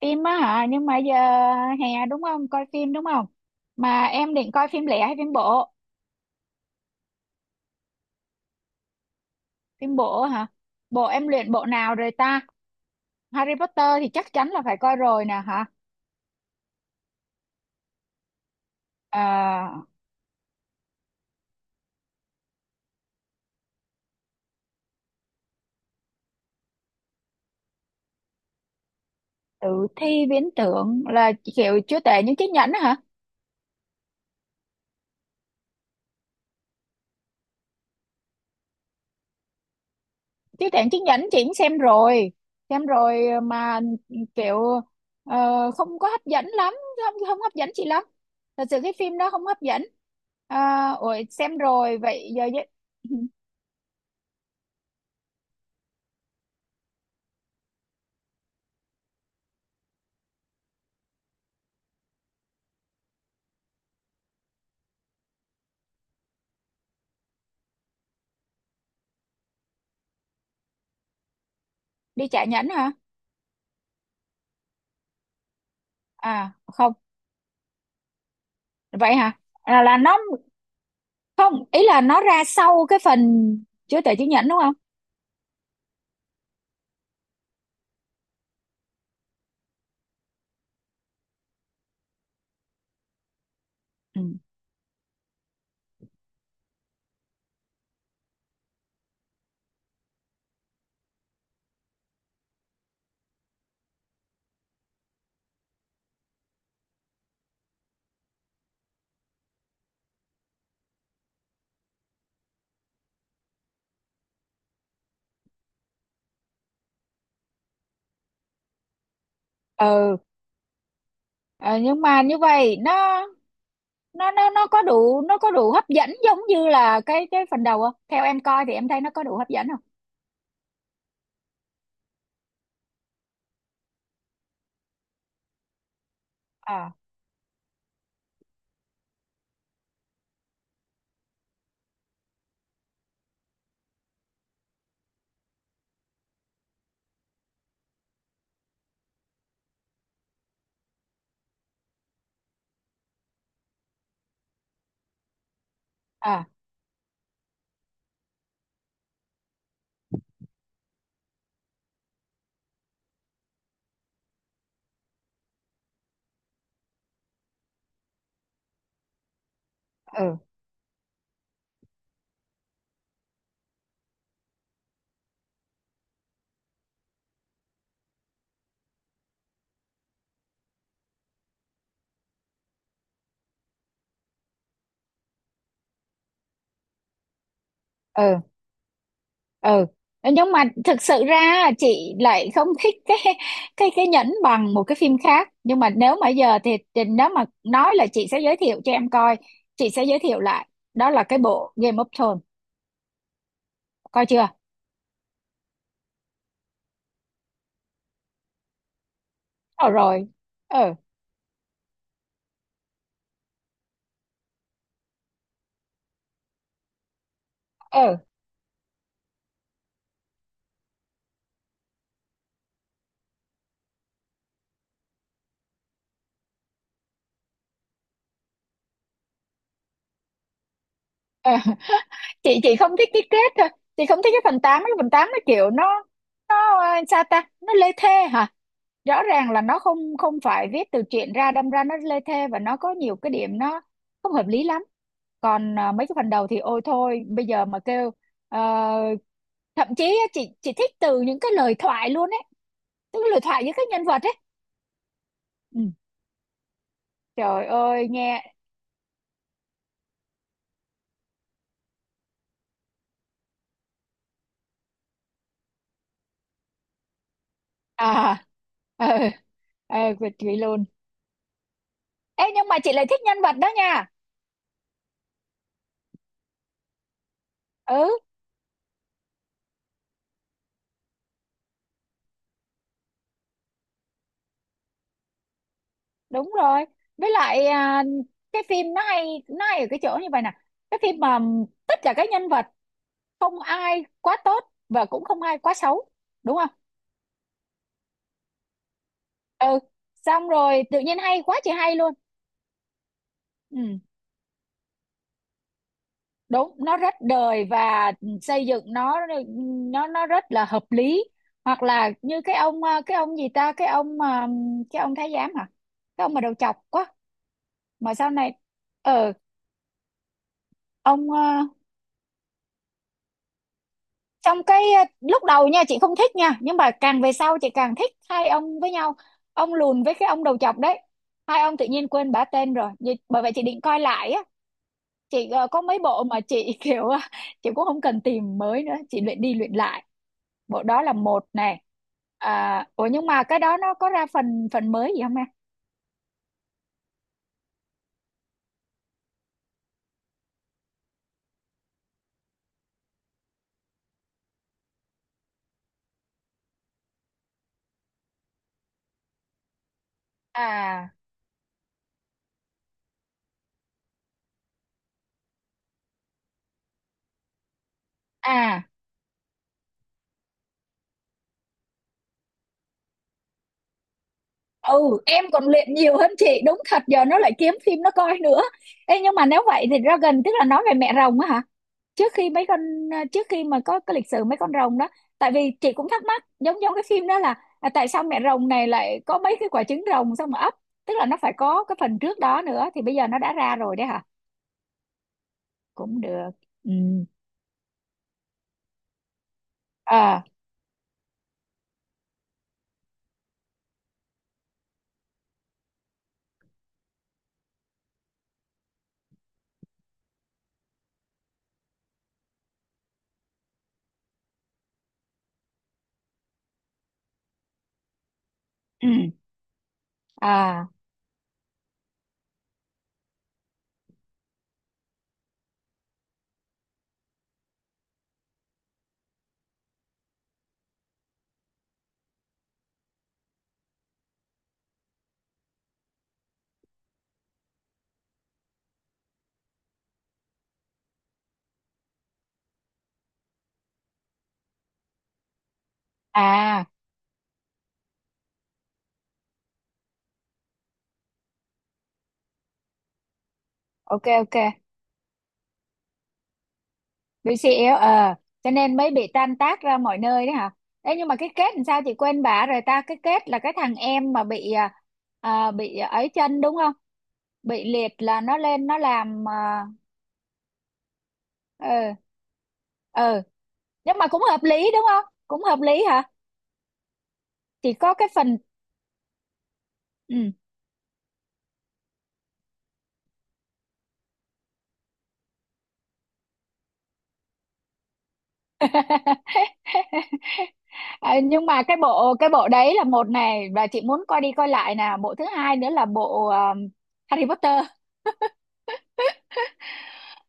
Phim á hả? Nhưng mà giờ hè đúng không, coi phim đúng không? Mà em định coi phim lẻ hay phim bộ? Phim bộ hả? Bộ em luyện bộ nào rồi ta? Harry Potter thì chắc chắn là phải coi rồi nè hả. à, Tử thi viễn tưởng là kiểu chúa tể những chiếc nhẫn á hả? Chúa tể những chiếc nhẫn chị cũng xem rồi. Xem rồi mà kiểu không có hấp dẫn lắm. Không không hấp dẫn chị lắm. Thật sự cái phim đó không hấp dẫn. Ủa, xem rồi vậy giờ với- đi trả nhẫn hả? À không, vậy hả? Là nó, không, ý là nó ra sau cái phần chứa tệ chứng nhận đúng không? Ừ. Ừ. Ờ, nhưng mà như vậy nó có đủ, nó có đủ hấp dẫn giống như là cái phần đầu không? Theo em coi thì em thấy nó có đủ hấp dẫn không? À. À. ừ ừ ừ. Nhưng mà thực sự ra chị lại không thích cái, cái nhẫn bằng một cái phim khác. Nhưng mà nếu mà giờ thì nếu mà nói là chị sẽ giới thiệu cho em coi, chị sẽ giới thiệu lại đó là cái bộ Game of Thrones. Coi chưa? Ờ rồi. Ừ ừ ừ Chị không thích cái kết thôi. Chị không thích cái phần 8. Cái phần 8 nó kiểu nó sao ta, nó lê thê hả? Rõ ràng là nó không không phải viết từ truyện ra, đâm ra nó lê thê và nó có nhiều cái điểm nó không hợp lý lắm. Còn mấy cái phần đầu thì ôi thôi, bây giờ mà kêu ờ, thậm chí á, chị thích từ những cái lời thoại luôn ấy. Tức là lời thoại với các nhân vật ấy. Ừ. Trời ơi nghe. À. Ờ. Ờ Việt Thúy luôn. Ê, nhưng mà chị lại thích nhân vật đó nha. Ừ, đúng rồi. Với lại cái phim nó hay, nó hay ở cái chỗ như vậy nè. Cái phim mà tất cả các nhân vật, không ai quá tốt và cũng không ai quá xấu, đúng không? Ừ. Xong rồi tự nhiên hay quá chị, hay luôn. Ừ, đúng, nó rất đời và xây dựng nó, nó rất là hợp lý. Hoặc là như cái ông cái ông gì ta, cái ông cái ông thái giám hả? Cái ông mà đầu chọc quá mà sau này. Ờ, ông trong cái lúc đầu nha chị không thích nha, nhưng mà càng về sau chị càng thích hai ông với nhau. Ông lùn với cái ông đầu chọc đấy. Hai ông tự nhiên quên bả tên rồi. Vì- bởi vậy chị định coi lại á. Chị có mấy bộ mà chị kiểu chị cũng không cần tìm mới nữa, chị luyện đi luyện lại. Bộ đó là một nè. Ủa nhưng mà cái đó nó có ra phần phần mới gì không em? À. À. Ừ, em còn luyện nhiều hơn chị đúng thật, giờ nó lại kiếm phim nó coi nữa. Ê, nhưng mà nếu vậy thì Dragon tức là nói về mẹ rồng á hả? Trước khi mấy con, trước khi mà có cái lịch sử mấy con rồng đó. Tại vì chị cũng thắc mắc giống giống cái phim đó là tại sao mẹ rồng này lại có mấy cái quả trứng rồng xong mà ấp. Tức là nó phải có cái phần trước đó nữa thì bây giờ nó đã ra rồi đấy hả? Cũng được. Ừ. À. Ừ. À. À. Ok, ok. BCL cho nên mới bị tan tác ra mọi nơi đấy hả? Ê, nhưng mà cái kết làm sao chị quên bả rồi ta? Cái kết là cái thằng em mà bị bị ấy chân đúng không? Bị liệt là nó lên nó làm ờ. Ờ. Nhưng mà cũng hợp lý đúng không? Cũng hợp lý hả? Chỉ có cái phần. Ừ. Ờ, nhưng mà cái bộ, cái bộ đấy là một này và chị muốn coi đi coi lại nè. Bộ thứ hai nữa là bộ Harry Potter.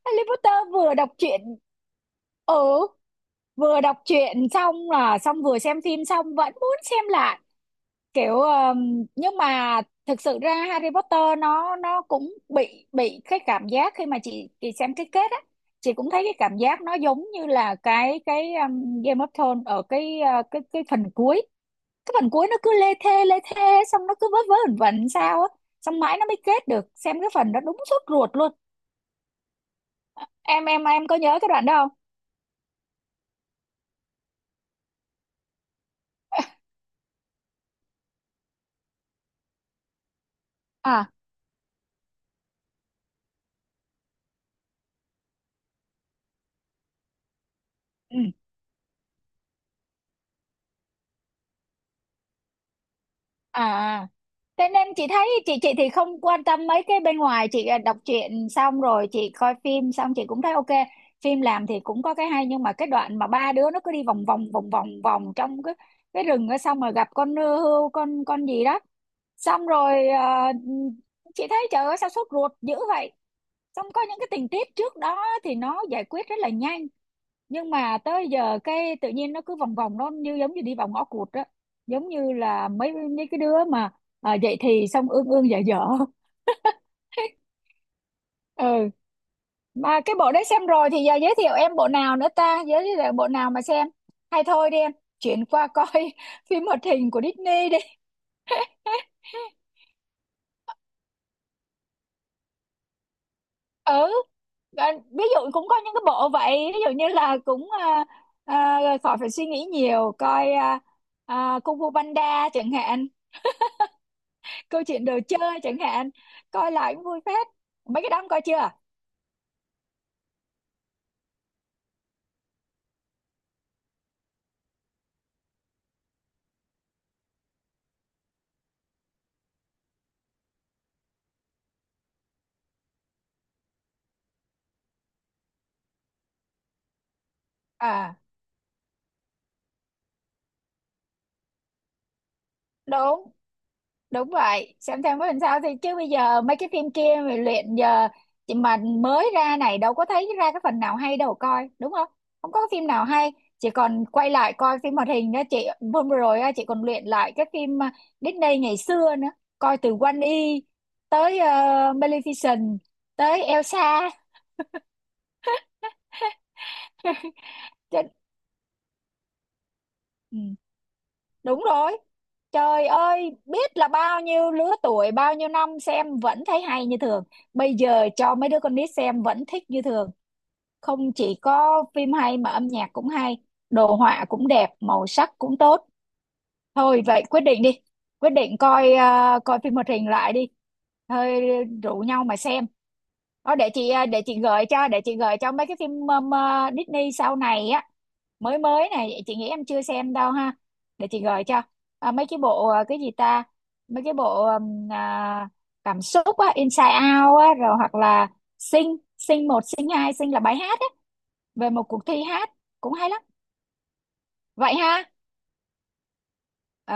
Harry Potter vừa đọc truyện. Ừ. Vừa đọc truyện xong là xong, vừa xem phim xong vẫn muốn xem lại. Kiểu nhưng mà thực sự ra Harry Potter nó cũng bị cái cảm giác khi mà chị xem cái kết á, chị cũng thấy cái cảm giác nó giống như là cái Game of Thrones ở cái cái phần cuối. Cái phần cuối nó cứ lê thê lê thê, xong nó cứ vớ vớ vẩn vẩn sao á. Xong mãi nó mới kết được xem cái phần đó, đúng sốt ruột luôn. Em có nhớ cái đoạn đó? À. Ừ. À. À. Thế nên chị thấy, chị thì không quan tâm mấy cái bên ngoài chị, đọc truyện xong rồi chị coi phim xong chị cũng thấy ok. Phim làm thì cũng có cái hay, nhưng mà cái đoạn mà ba đứa nó cứ đi vòng vòng vòng vòng vòng trong cái rừng đó, xong rồi gặp con hươu con gì đó. Xong rồi chị thấy trời ơi sao sốt ruột dữ vậy. Xong có những cái tình tiết trước đó thì nó giải quyết rất là nhanh, nhưng mà tới giờ cái tự nhiên nó cứ vòng vòng, nó như giống như đi vào ngõ cụt á. Giống như là mấy mấy cái đứa mà dậy thì xong ương ương dở dở. Ừ. Mà cái bộ đấy xem rồi thì giờ giới thiệu em bộ nào nữa ta? Giới thiệu bộ nào mà xem hay thôi đi em. Chuyển qua coi phim hoạt hình của Disney đi. Ừ. Và ví dụ cũng có những cái bộ vậy, ví dụ như là cũng khỏi phải suy nghĩ nhiều coi, Kung Fu Panda chẳng hạn. Câu chuyện đồ chơi chẳng hạn. Coi lại cũng vui phết. Mấy cái đó ông coi chưa? À. Đúng, đúng vậy, xem thêm có làm sao thì chứ bây giờ mấy cái phim kia mà luyện giờ, chị mà mới ra này đâu có thấy ra cái phần nào hay đâu coi đúng không? Không có phim nào hay. Chị còn quay lại coi phim hoạt hình đó chị. Hôm vừa rồi á, chị còn luyện lại cái phim Disney ngày xưa nữa. Coi từ Wall-E tới Maleficent tới Elsa. Ừ. Đúng rồi. Trời ơi, biết là bao nhiêu lứa tuổi, bao nhiêu năm xem vẫn thấy hay như thường. Bây giờ cho mấy đứa con nít xem vẫn thích như thường. Không chỉ có phim hay mà âm nhạc cũng hay, đồ họa cũng đẹp, màu sắc cũng tốt. Thôi vậy quyết định đi, quyết định coi coi phim hoạt hình lại đi. Thôi, rủ nhau mà xem. Đó để chị, để chị gợi cho, để chị gợi cho mấy cái phim Disney sau này á, mới mới này chị nghĩ em chưa xem đâu ha. Để chị gợi cho mấy cái bộ cái gì ta, mấy cái bộ cảm xúc á Inside Out á, rồi hoặc là Sing Sing 1 Sing 2. Sing là bài hát á, về một cuộc thi hát, cũng hay lắm. Vậy ha. Ờ.